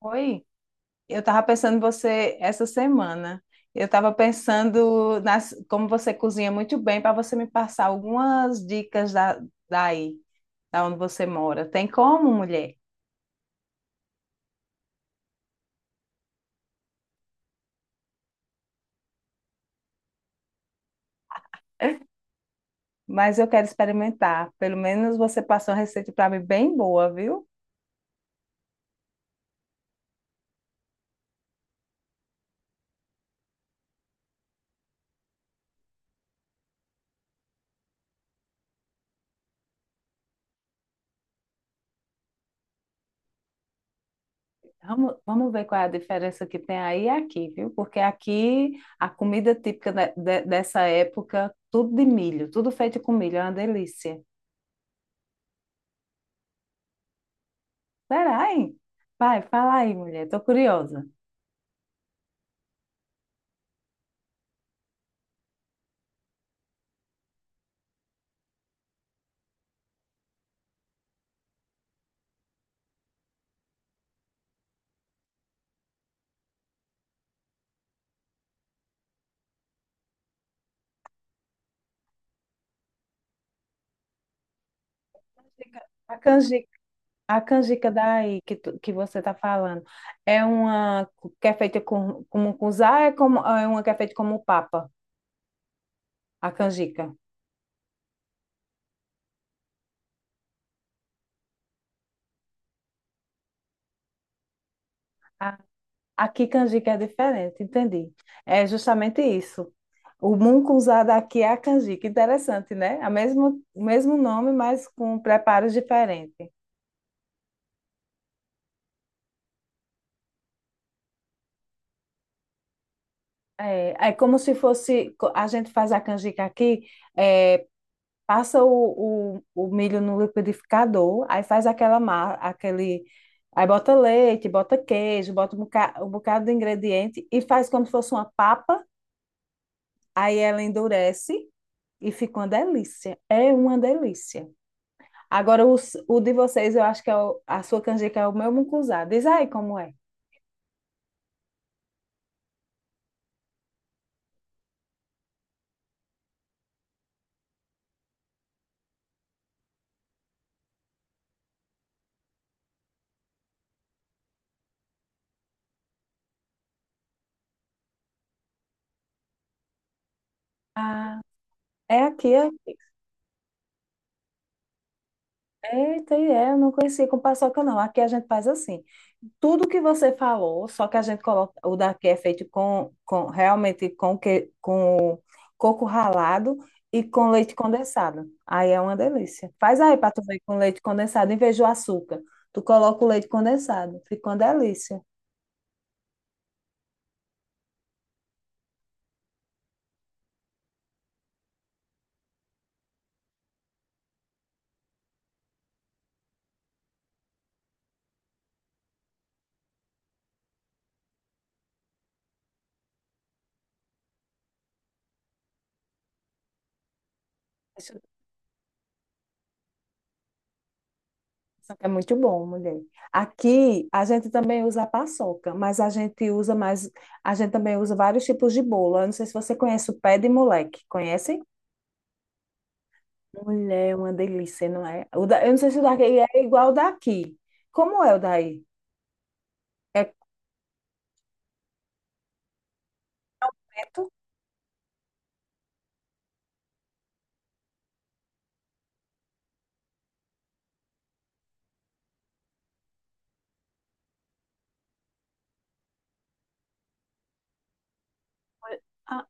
Oi, eu estava pensando em você essa semana. Eu estava pensando como você cozinha muito bem para você me passar algumas dicas daí, da onde você mora. Tem como, mulher? Mas eu quero experimentar. Pelo menos você passou uma receita para mim bem boa, viu? Vamos ver qual é a diferença que tem aí e aqui, viu? Porque aqui a comida típica dessa época, tudo de milho, tudo feito com milho, é uma delícia. Será, hein? Vai, fala aí, mulher, tô curiosa. A canjica, a canjica daí que você está falando é uma que é feita como cusá, é uma que é feita como papa, a canjica. A- Aqui canjica é diferente, entendi. É justamente isso. O mungunzá daqui é a canjica. Interessante, né? O mesmo nome, mas com preparos diferentes. É como se fosse, a gente faz a canjica aqui é, passa o milho no liquidificador, aí faz aquela massa, aquele. Aí bota leite, bota queijo, bota um bocado de ingrediente e faz como se fosse uma papa. Aí ela endurece e fica uma delícia. É uma delícia. Agora, de vocês, eu acho que é a sua canjica é o meu mucunzá. Diz aí como é. Ah, é aqui, é aqui. Eita, e é, eu não conhecia com paçoca, não. Aqui a gente faz assim. Tudo que você falou, só que a gente coloca. O daqui é feito com realmente com coco ralado e com leite condensado. Aí é uma delícia. Faz aí para tu ver com leite condensado, em vez do açúcar. Tu coloca o leite condensado, fica uma delícia. Deixa eu ver, isso aqui é muito bom, mulher. Aqui a gente também usa a paçoca, mas a gente usa mais, a gente também usa vários tipos de bolo. Eu não sei se você conhece o pé de moleque. Conhece? Mulher, é uma delícia, não é? Eu não sei se o daqui é igual o daqui. Como é o daí? É preto? Ah,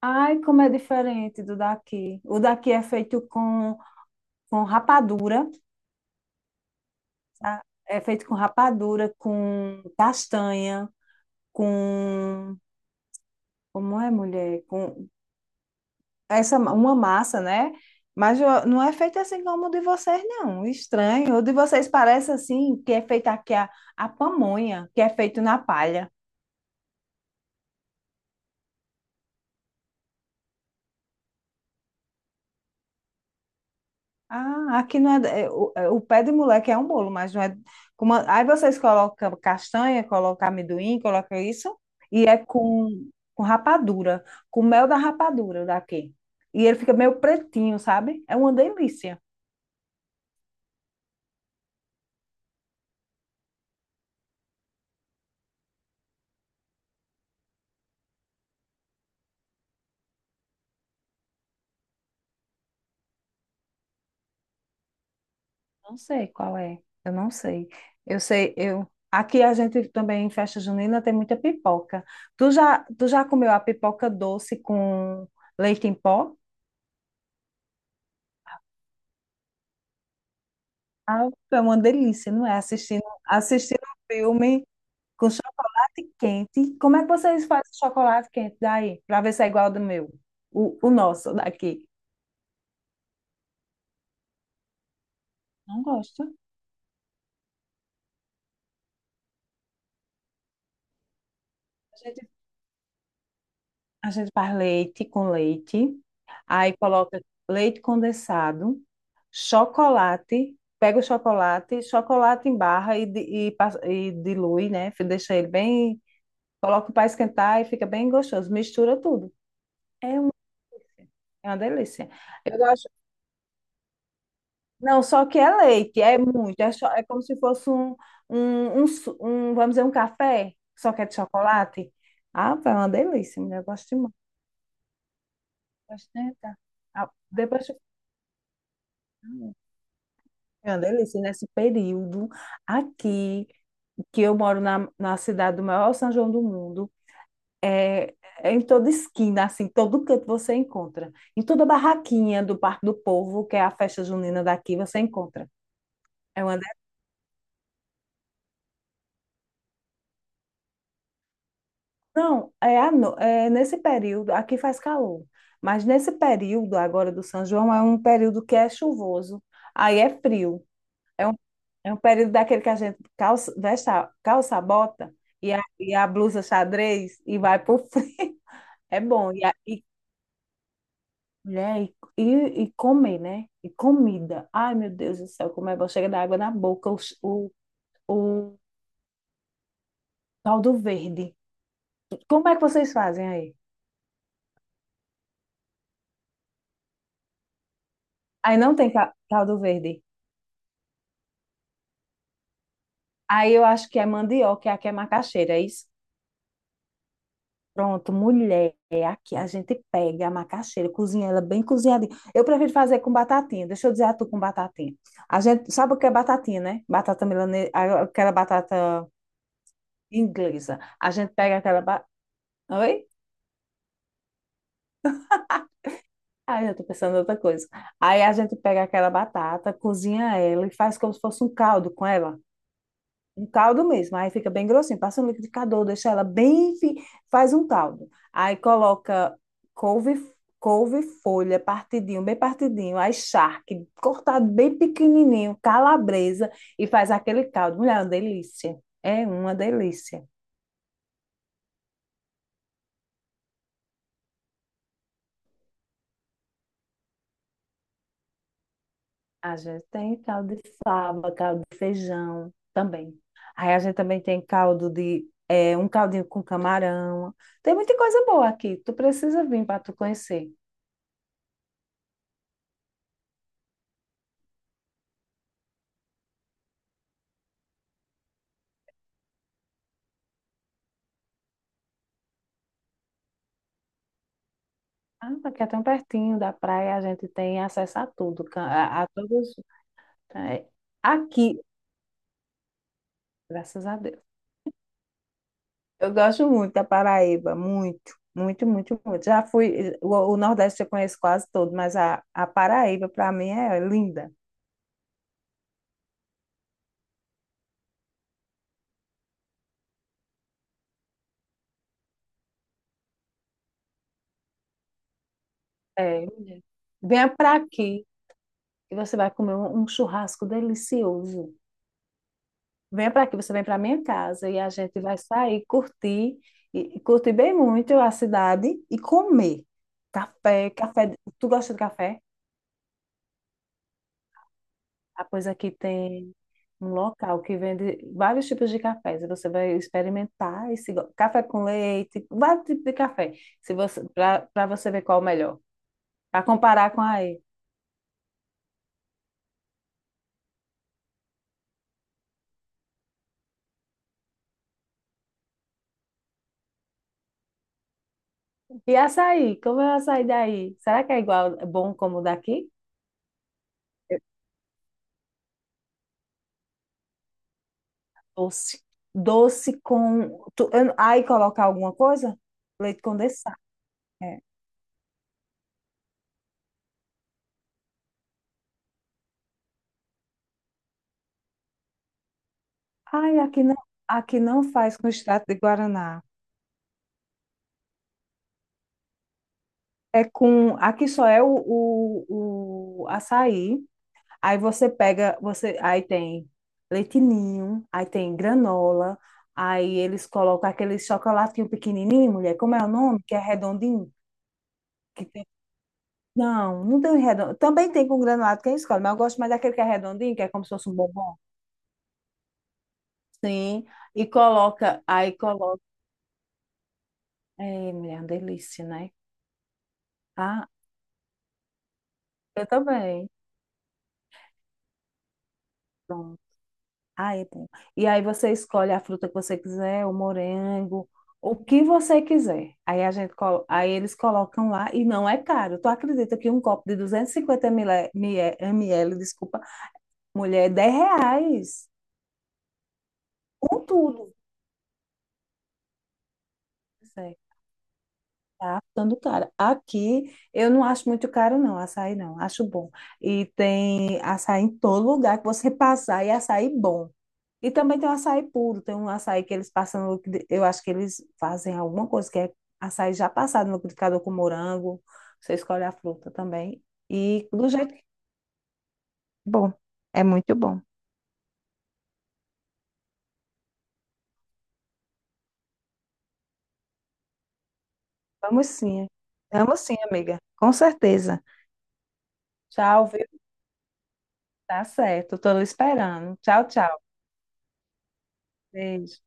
ai, como é diferente do daqui. O daqui é feito com rapadura, tá? É feito com rapadura, com castanha, com... Como é, mulher? Com uma massa, né? Mas não é feito assim como o de vocês, não. Estranho. O de vocês parece assim, que é feito aqui a pamonha, que é feito na palha. Ah, aqui não é, o pé de moleque é um bolo, mas não é. Como, aí vocês colocam castanha, colocam amendoim, colocam isso, e é com rapadura, com mel da rapadura daqui. E ele fica meio pretinho, sabe? É uma delícia. Não sei qual é, eu não sei. Eu sei, eu. Aqui a gente também em festa junina tem muita pipoca. Tu já comeu a pipoca doce com leite em pó? Ah, é uma delícia, não é? Assistindo um filme com chocolate quente. Como é que vocês fazem chocolate quente daí? Para ver se é igual ao do meu. O nosso daqui. Não gosto. A gente, a gente faz leite com leite. Aí coloca leite condensado, chocolate. Pega o chocolate, chocolate em barra e dilui, né? Deixa ele bem. Coloca para esquentar e fica bem gostoso. Mistura tudo. É uma delícia. É uma delícia. Eu gosto. Não, só que é leite, é muito. É como se fosse um, vamos dizer, um café, só que é de chocolate. Ah, pá, é uma delícia, mulher. Eu gosto demais. Gosto de tentar. Ah, é uma delícia. E nesse período aqui, que eu moro na cidade do maior São João do mundo, é, é em toda esquina, assim, todo canto você encontra. Em toda barraquinha do Parque do Povo, que é a festa junina daqui, você encontra. É uma Não, é, à no- é nesse período, aqui faz calor, mas nesse período agora do São João é um período que é chuvoso, aí é frio. É um, é um período daquele que a gente calça a bota e a blusa xadrez e vai pro frio. É bom. E, né, e comer, né? E comida. Ai, meu Deus do céu, como é bom. Chega da água na boca, o caldo verde. Como é que vocês fazem aí? Aí não tem caldo verde. Aí eu acho que é mandioca, e aqui é macaxeira, é isso? Pronto, mulher, aqui a gente pega a macaxeira, cozinha ela bem cozinhadinha. Eu prefiro fazer com batatinha, deixa eu dizer a tu com batatinha. A gente sabe o que é batatinha, né? Batata milanesa, aquela batata inglesa. A gente pega aquela. Oi? Ai, eu tô pensando em outra coisa. Aí a gente pega aquela batata, cozinha ela e faz como se fosse um caldo com ela. Um caldo mesmo, aí fica bem grossinho. Passa um liquidificador, deixa ela bem. Faz um caldo. Aí coloca couve, couve folha, partidinho, bem partidinho. Aí charque, cortado bem pequenininho, calabresa, e faz aquele caldo. Mulher, é uma delícia. É uma delícia. A gente tem caldo de fava, caldo de feijão também. Aí a gente também tem caldo de, um caldinho com camarão. Tem muita coisa boa aqui. Tu precisa vir para tu conhecer. Ah, porque é tão pertinho da praia, a gente tem acesso a tudo, a todos. é, Aqui, graças a Deus. Eu gosto muito da Paraíba, muito, muito, muito, muito. Já fui, o Nordeste eu conheço quase todo, mas a Paraíba, para mim, é linda. É, linda. Venha para aqui e você vai comer um churrasco delicioso. Venha para aqui, você vem para minha casa e a gente vai sair, curtir, e curtir bem muito a cidade e comer. Café, café. Tu gosta de café? Ah, pois aqui tem um local que vende vários tipos de cafés. E você vai experimentar esse café com leite, vários tipos de café, se você para você ver qual é o melhor, para comparar com aí. E açaí, como é o açaí daí? Será que é igual, é bom como o daqui? Doce. Doce com. Aí colocar alguma coisa? Leite condensado. É. Ai, aqui não faz com extrato de guaraná. É com. Aqui só é o açaí. Aí você pega. Você aí tem leite ninho, aí tem granola. Aí eles colocam aquele chocolatinho pequenininho, mulher. Como é o nome? Que é redondinho? Que tem... Não, não tem um redondo. Também tem com granulado, quem escolhe, mas eu gosto mais daquele que é redondinho, que é como se fosse um bombom. Sim, e coloca, aí coloca. É, mulher, é uma delícia, né? Ah, eu também. Pronto. Aí, é bom. E aí você escolhe a fruta que você quiser, o morango, o que você quiser. Aí aí eles colocam lá e não é caro. Tu acredita que um copo de 250 ml, desculpa, mulher, é R$ 10. Com tudo. Tá ficando caro. Aqui eu não acho muito caro, não, açaí não, acho bom. E tem açaí em todo lugar que você passar, e açaí bom. E também tem o açaí puro, tem um açaí que eles passam, no liquidi- eu acho que eles fazem alguma coisa que é açaí já passado no liquidificador com morango, você escolhe a fruta também. E do jeito que é bom, é muito bom. Vamos sim, vamos sim, amiga, com certeza. Tchau, viu? Tá certo, tô esperando. Tchau, tchau. Beijo.